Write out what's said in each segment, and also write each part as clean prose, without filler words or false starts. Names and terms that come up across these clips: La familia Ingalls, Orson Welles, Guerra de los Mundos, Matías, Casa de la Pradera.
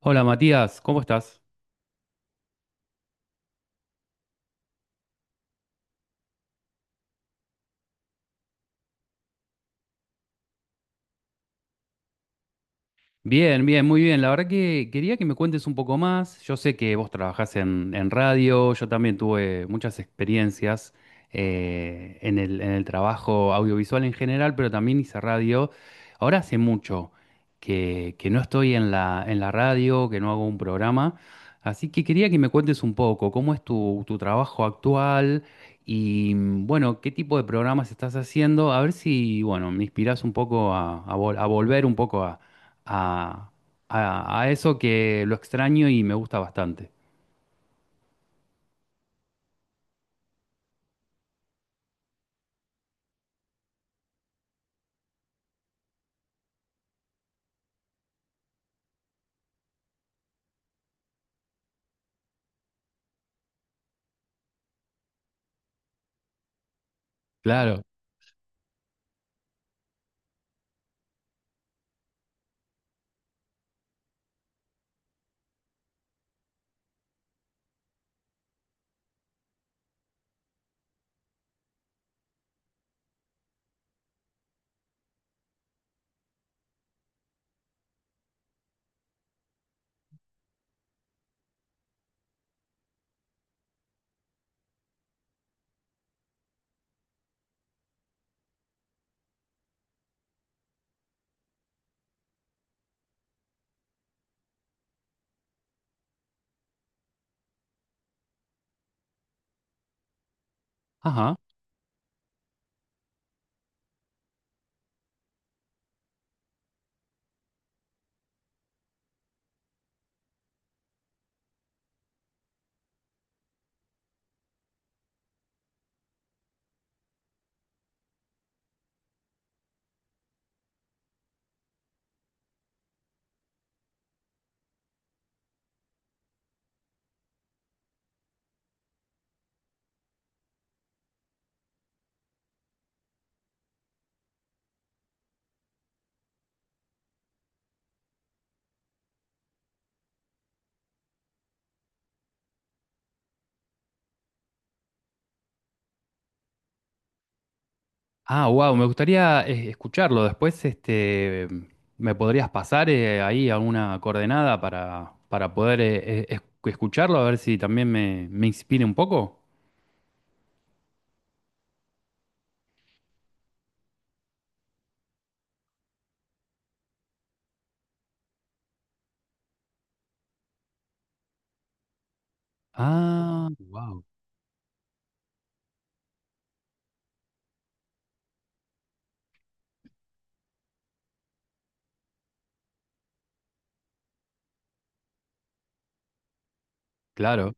Hola Matías, ¿cómo estás? Bien, bien, muy bien. La verdad que quería que me cuentes un poco más. Yo sé que vos trabajás en radio, yo también tuve muchas experiencias en el trabajo audiovisual en general, pero también hice radio. Ahora hace mucho que no estoy en la radio, que no hago un programa, así que quería que me cuentes un poco cómo es tu trabajo actual y bueno, qué tipo de programas estás haciendo, a ver si, bueno, me inspirás un poco a volver un poco a, a eso que lo extraño y me gusta bastante. Claro. Ajá. Ah, wow, me gustaría escucharlo. Después, este, ¿me podrías pasar ahí alguna coordenada para poder escucharlo? A ver si también me inspire un poco. Ah, wow, claro,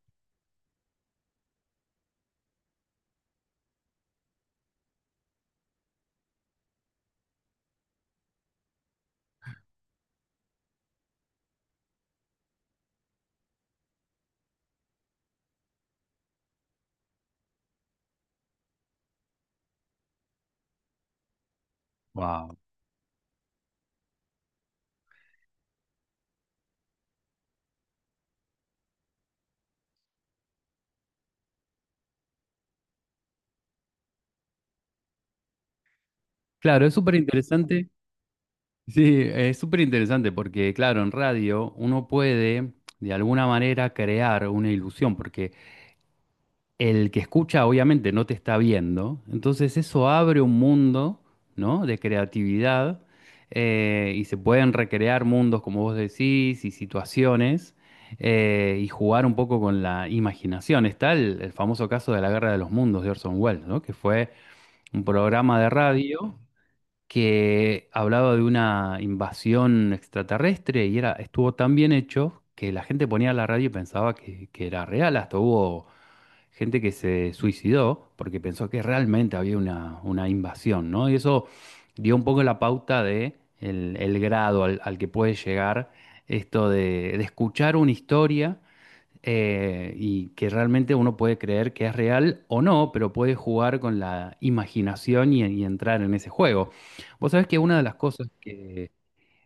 wow. Claro, es súper interesante. Sí, es súper interesante porque, claro, en radio uno puede de alguna manera crear una ilusión, porque el que escucha obviamente no te está viendo, entonces eso abre un mundo, ¿no? De creatividad y se pueden recrear mundos, como vos decís, y situaciones y jugar un poco con la imaginación. Está el famoso caso de la Guerra de los Mundos de Orson Welles, ¿no? Que fue un programa de radio que hablaba de una invasión extraterrestre y era, estuvo tan bien hecho que la gente ponía la radio y pensaba que era real, hasta hubo gente que se suicidó porque pensó que realmente había una invasión, ¿no? Y eso dio un poco la pauta de el grado al que puede llegar esto de escuchar una historia y que realmente uno puede creer que es real o no, pero puede jugar con la imaginación y entrar en ese juego. Vos sabés que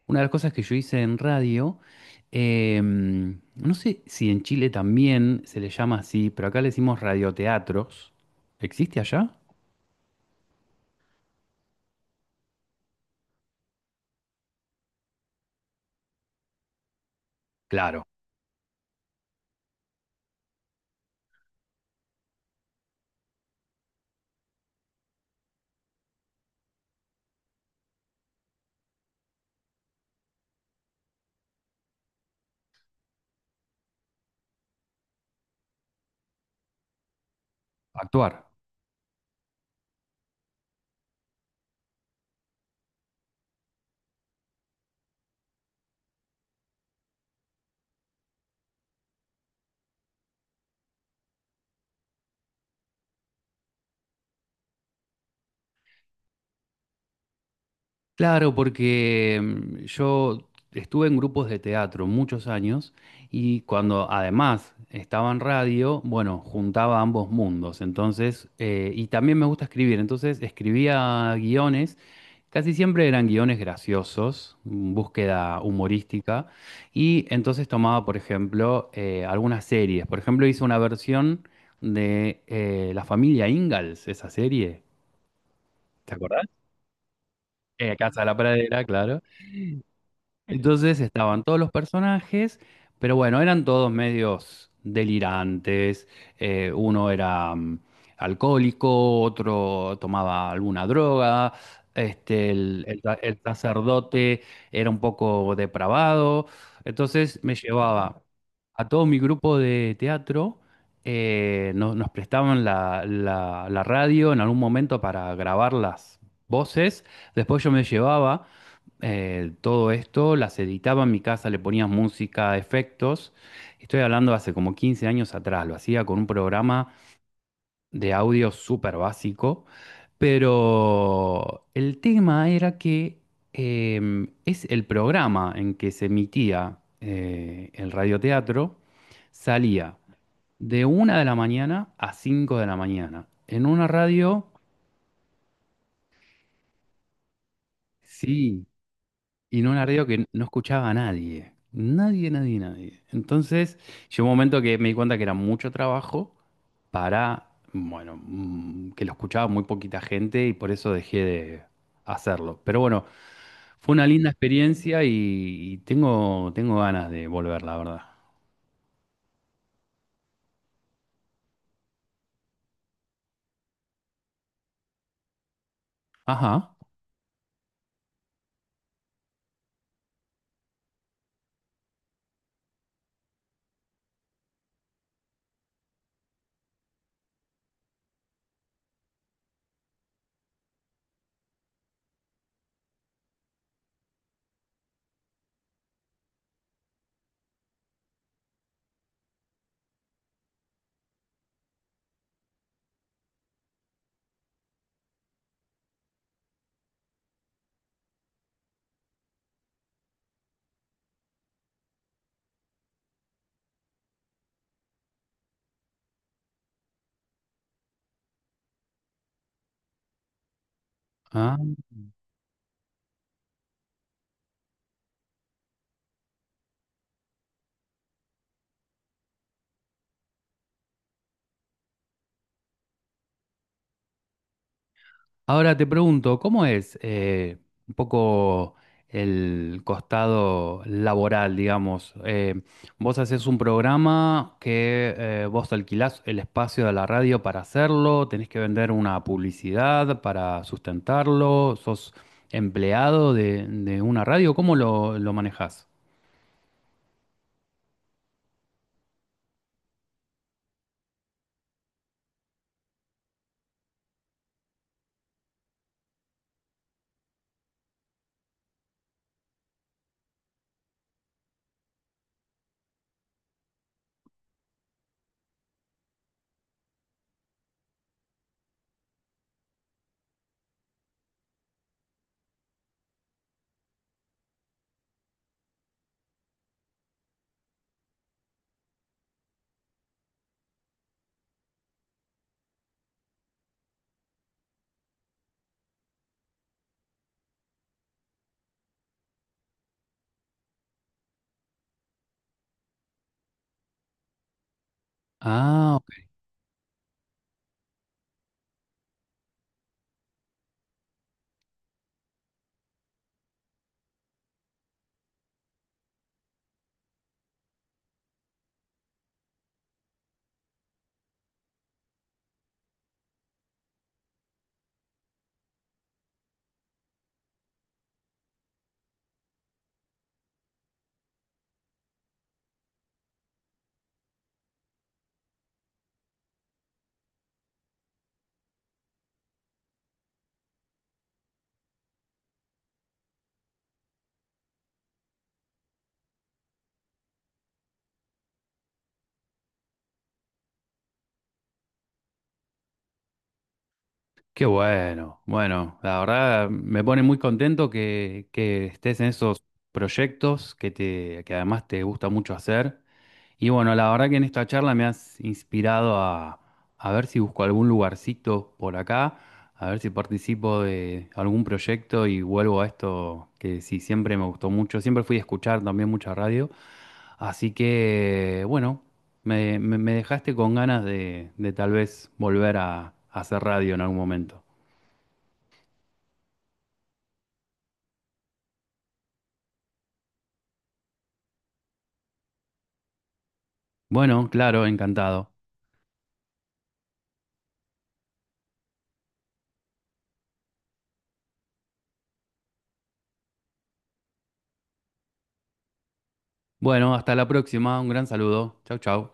una de las cosas que yo hice en radio, no sé si en Chile también se le llama así, pero acá le decimos radioteatros. ¿Existe allá? Claro, actuar. Claro, porque yo estuve en grupos de teatro muchos años y cuando además estaba en radio, bueno, juntaba ambos mundos. Entonces, y también me gusta escribir, entonces escribía guiones. Casi siempre eran guiones graciosos, búsqueda humorística, y entonces tomaba, por ejemplo, algunas series. Por ejemplo, hizo una versión de La familia Ingalls, esa serie. ¿Te acordás? Casa de la Pradera, claro. Entonces estaban todos los personajes, pero bueno, eran todos medios delirantes. Uno era alcohólico, otro tomaba alguna droga, este, el sacerdote era un poco depravado. Entonces me llevaba a todo mi grupo de teatro, nos prestaban la radio en algún momento para grabar las voces. Después yo me llevaba todo esto, las editaba en mi casa, le ponía música, efectos. Estoy hablando de hace como 15 años atrás, lo hacía con un programa de audio súper básico, pero el tema era que es el programa en que se emitía el radioteatro, salía de 1 de la mañana a 5 de la mañana, en una radio, sí. Y en una radio que no escuchaba a nadie. Nadie, nadie, nadie. Entonces, llegó un momento que me di cuenta que era mucho trabajo para, bueno, que lo escuchaba muy poquita gente y por eso dejé de hacerlo. Pero bueno, fue una linda experiencia y tengo, tengo ganas de volver, la verdad. Ajá. Ah. Ahora te pregunto, ¿cómo es un poco el costado laboral, digamos? Vos haces un programa que vos alquilás el espacio de la radio para hacerlo, tenés que vender una publicidad para sustentarlo, sos empleado de una radio, ¿cómo lo manejás? Ah, qué bueno, bueno, la verdad me pone muy contento que estés en esos proyectos que te, que además te gusta mucho hacer. Y bueno, la verdad que en esta charla me has inspirado a ver si busco algún lugarcito por acá, a ver si participo de algún proyecto y vuelvo a esto que sí siempre me gustó mucho. Siempre fui a escuchar también mucha radio. Así que bueno. Me dejaste con ganas de tal vez volver a hacer radio en algún momento. Bueno, claro, encantado. Bueno, hasta la próxima. Un gran saludo. Chau, chau.